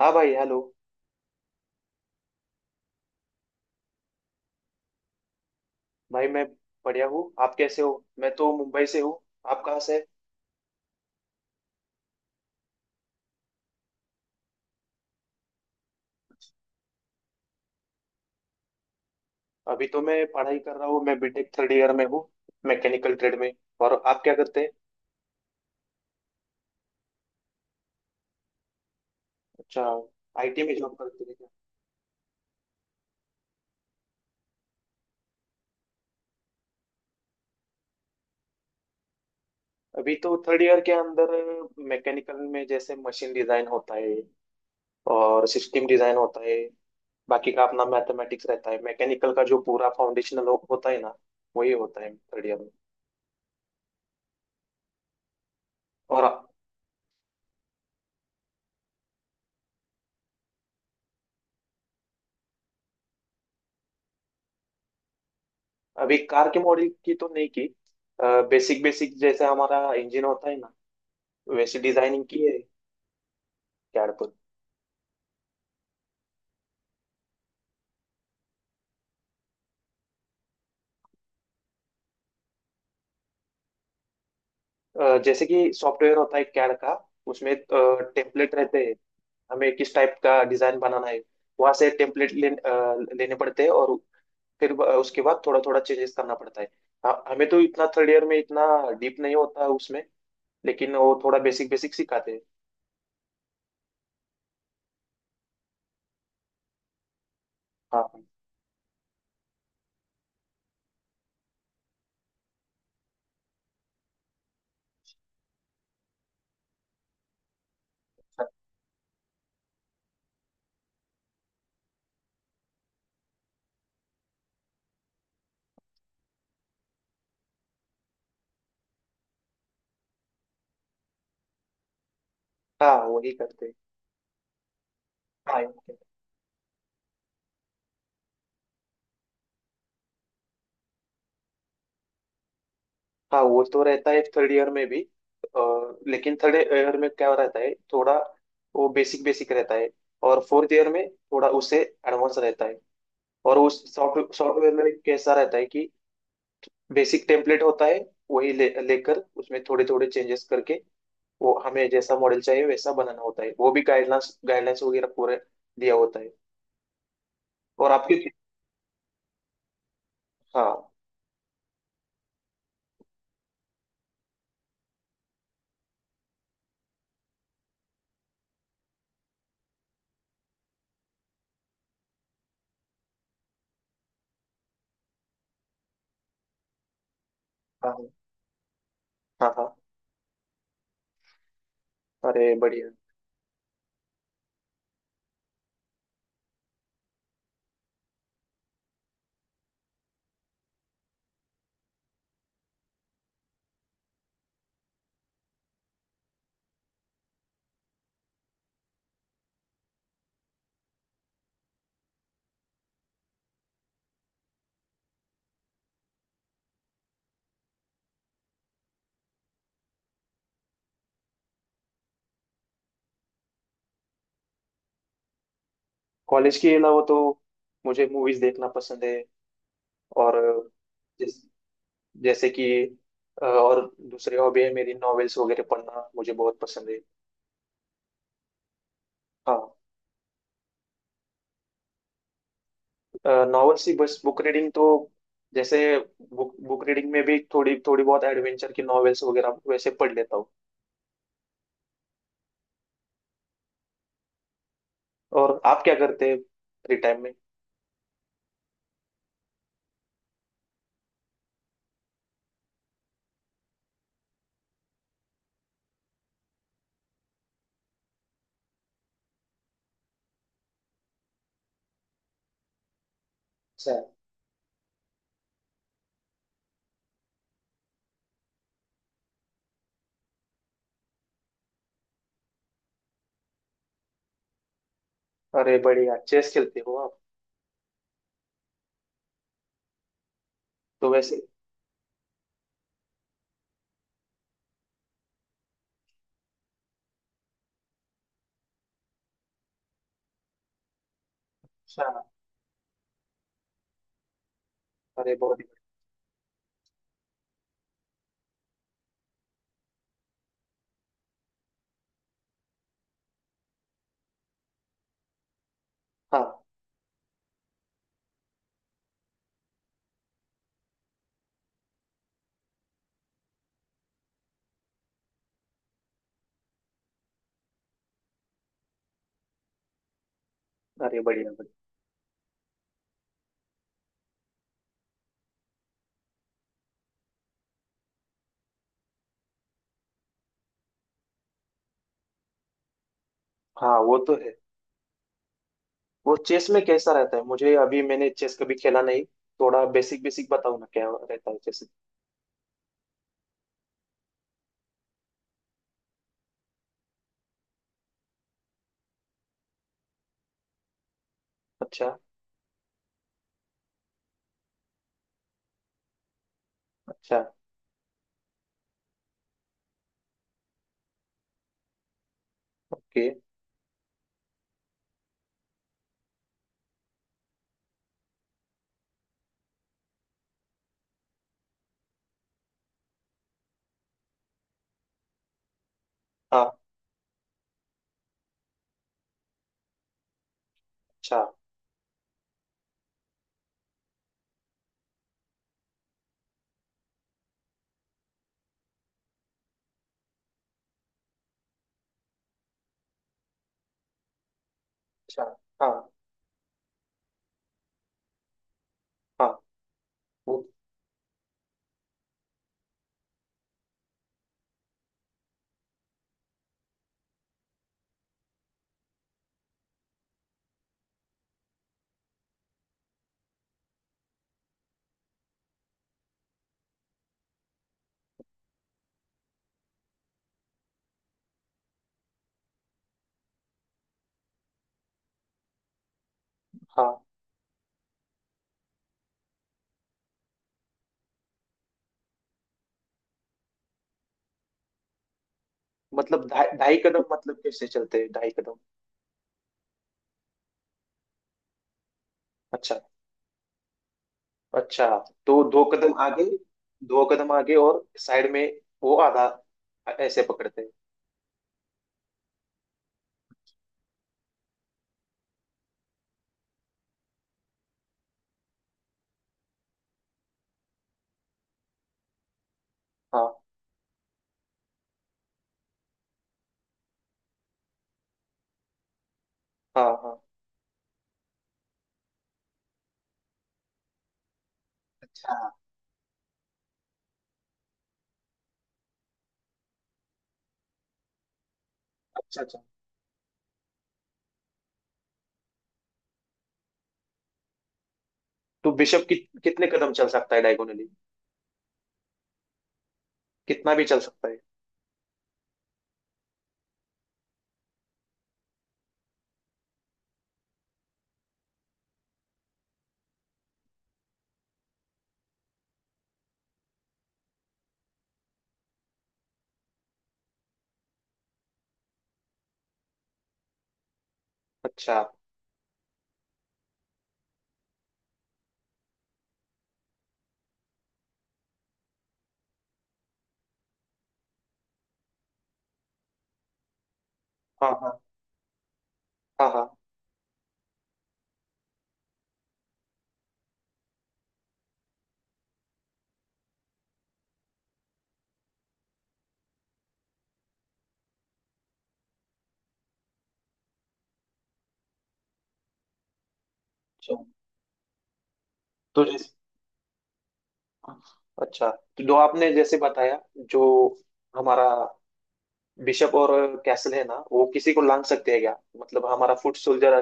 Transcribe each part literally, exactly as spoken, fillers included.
हाँ भाई, हेलो। भाई मैं बढ़िया हूँ, आप कैसे हो? मैं तो मुंबई से हूँ, आप कहाँ से? अभी तो मैं पढ़ाई कर रहा हूँ, मैं बीटेक थर्ड ईयर में हूँ, मैकेनिकल ट्रेड में। और आप क्या करते हैं? अच्छा, आईटी में जॉब करते हैं क्या? अभी तो थर्ड ईयर के अंदर मैकेनिकल में जैसे मशीन डिजाइन होता है और सिस्टम डिजाइन होता है। बाकी का अपना मैथमेटिक्स रहता है, मैकेनिकल का जो पूरा फाउंडेशनल होता है ना, वही होता है थर्ड ईयर में। और अभी कार के मॉडल की तो नहीं की। बेसिक बेसिक, जैसे हमारा इंजन होता है ना, वैसी डिजाइनिंग की है, कैड पर। अ, जैसे कि सॉफ्टवेयर होता है कैड का, उसमें टेम्पलेट रहते हैं। हमें किस टाइप का डिजाइन बनाना है, वहां से टेम्पलेट ले, अ, लेने पड़ते हैं, और फिर ब- उसके बाद थोड़ा थोड़ा चेंजेस करना पड़ता है। ह- हमें तो इतना थर्ड ईयर में इतना डीप नहीं होता है उसमें, लेकिन वो थोड़ा बेसिक बेसिक सिखाते हैं। हाँ। हाँ, हाँ, वही करते हैं। हाँ, okay। हाँ, वो तो रहता है थर्ड ईयर में भी। अ, लेकिन थर्ड ईयर में क्या रहता है, थोड़ा वो बेसिक बेसिक रहता है। और फोर्थ ईयर में थोड़ा उससे एडवांस रहता है। और उस सॉफ्टवेयर सॉफ्टवेयर में कैसा रहता है कि बेसिक टेम्पलेट होता है। वही ले लेकर उसमें थोड़े थोड़े चेंजेस करके वो हमें जैसा मॉडल चाहिए वैसा बनाना होता है। वो भी गाइडलाइंस गाइडलाइंस वगैरह पूरे दिया होता है। और आपके? हाँ। हाँ। हाँ। हाँ। अरे बढ़िया। कॉलेज के अलावा तो मुझे मूवीज देखना पसंद है। और जैसे कि अ, और दूसरी हॉबी है मेरी, नॉवेल्स वगैरह पढ़ना मुझे बहुत पसंद है। हाँ। नॉवेल्स ही बस, बुक रीडिंग तो जैसे, बुक बुक रीडिंग में भी थोड़ी थोड़ी बहुत एडवेंचर की नॉवेल्स वगैरह वैसे पढ़ लेता हूँ। और आप क्या करते हैं फ्री टाइम में? अच्छा। अरे बढ़िया, चेस खेलते हो आप? तो वैसे। अच्छा। अरे बहुत ही बढ़िया। हाँ। अरे बढ़िया बढ़िया। हाँ, वो तो है। वो चेस में कैसा रहता है, मुझे, अभी मैंने चेस कभी खेला नहीं, थोड़ा बेसिक बेसिक बताओ ना क्या रहता है चेस? अच्छा। अच्छा। ओके। हाँ। अच्छा। अच्छा। हाँ। हाँ। वो। हाँ। मतलब ढाई ढाई कदम, मतलब कैसे चलते हैं ढाई कदम? अच्छा। अच्छा, तो दो कदम आगे। दो कदम आगे और साइड में, वो आधा, ऐसे पकड़ते हैं। हाँ। हाँ। हाँ। अच्छा। अच्छा। अच्छा। तो बिशप कित, कितने कदम चल सकता है डायगोनली? कितना भी चल सकता है? अच्छा। हाँ। हाँ। हाँ। हाँ। अच्छा। तो जैसे, अच्छा, तो जो आपने जैसे बताया, जो हमारा बिशप और कैसल है ना, वो किसी को लांग सकते हैं क्या? मतलब हमारा फुट सोल्जर।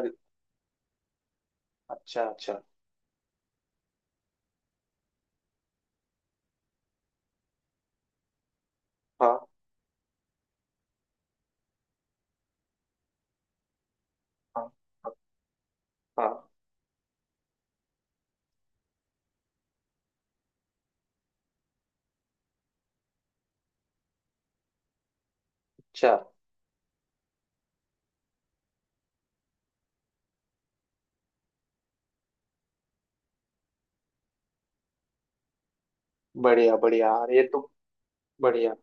अच्छा, अच्छा। हाँ। हाँ। हाँ। अच्छा। बढ़िया बढ़िया यार, ये तो बढ़िया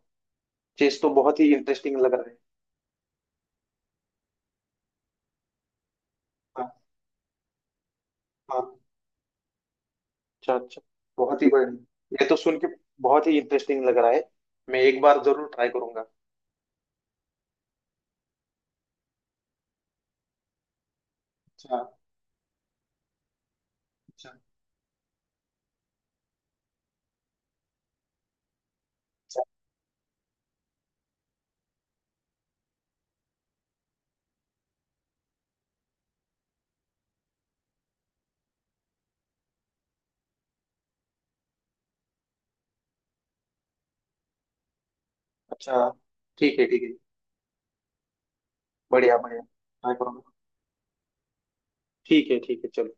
चीज तो, बहुत ही इंटरेस्टिंग लग रहा है। हाँ। हाँ। अच्छा, अच्छा। बहुत ही बढ़िया, ये तो सुन के बहुत ही इंटरेस्टिंग लग रहा है। मैं एक बार जरूर ट्राई करूंगा। अच्छा। अच्छा। अच्छा। अच्छा। ठीक है, ठीक है। बढ़िया बढ़िया, ट्राई करूंगा। ठीक है, ठीक है, चलो।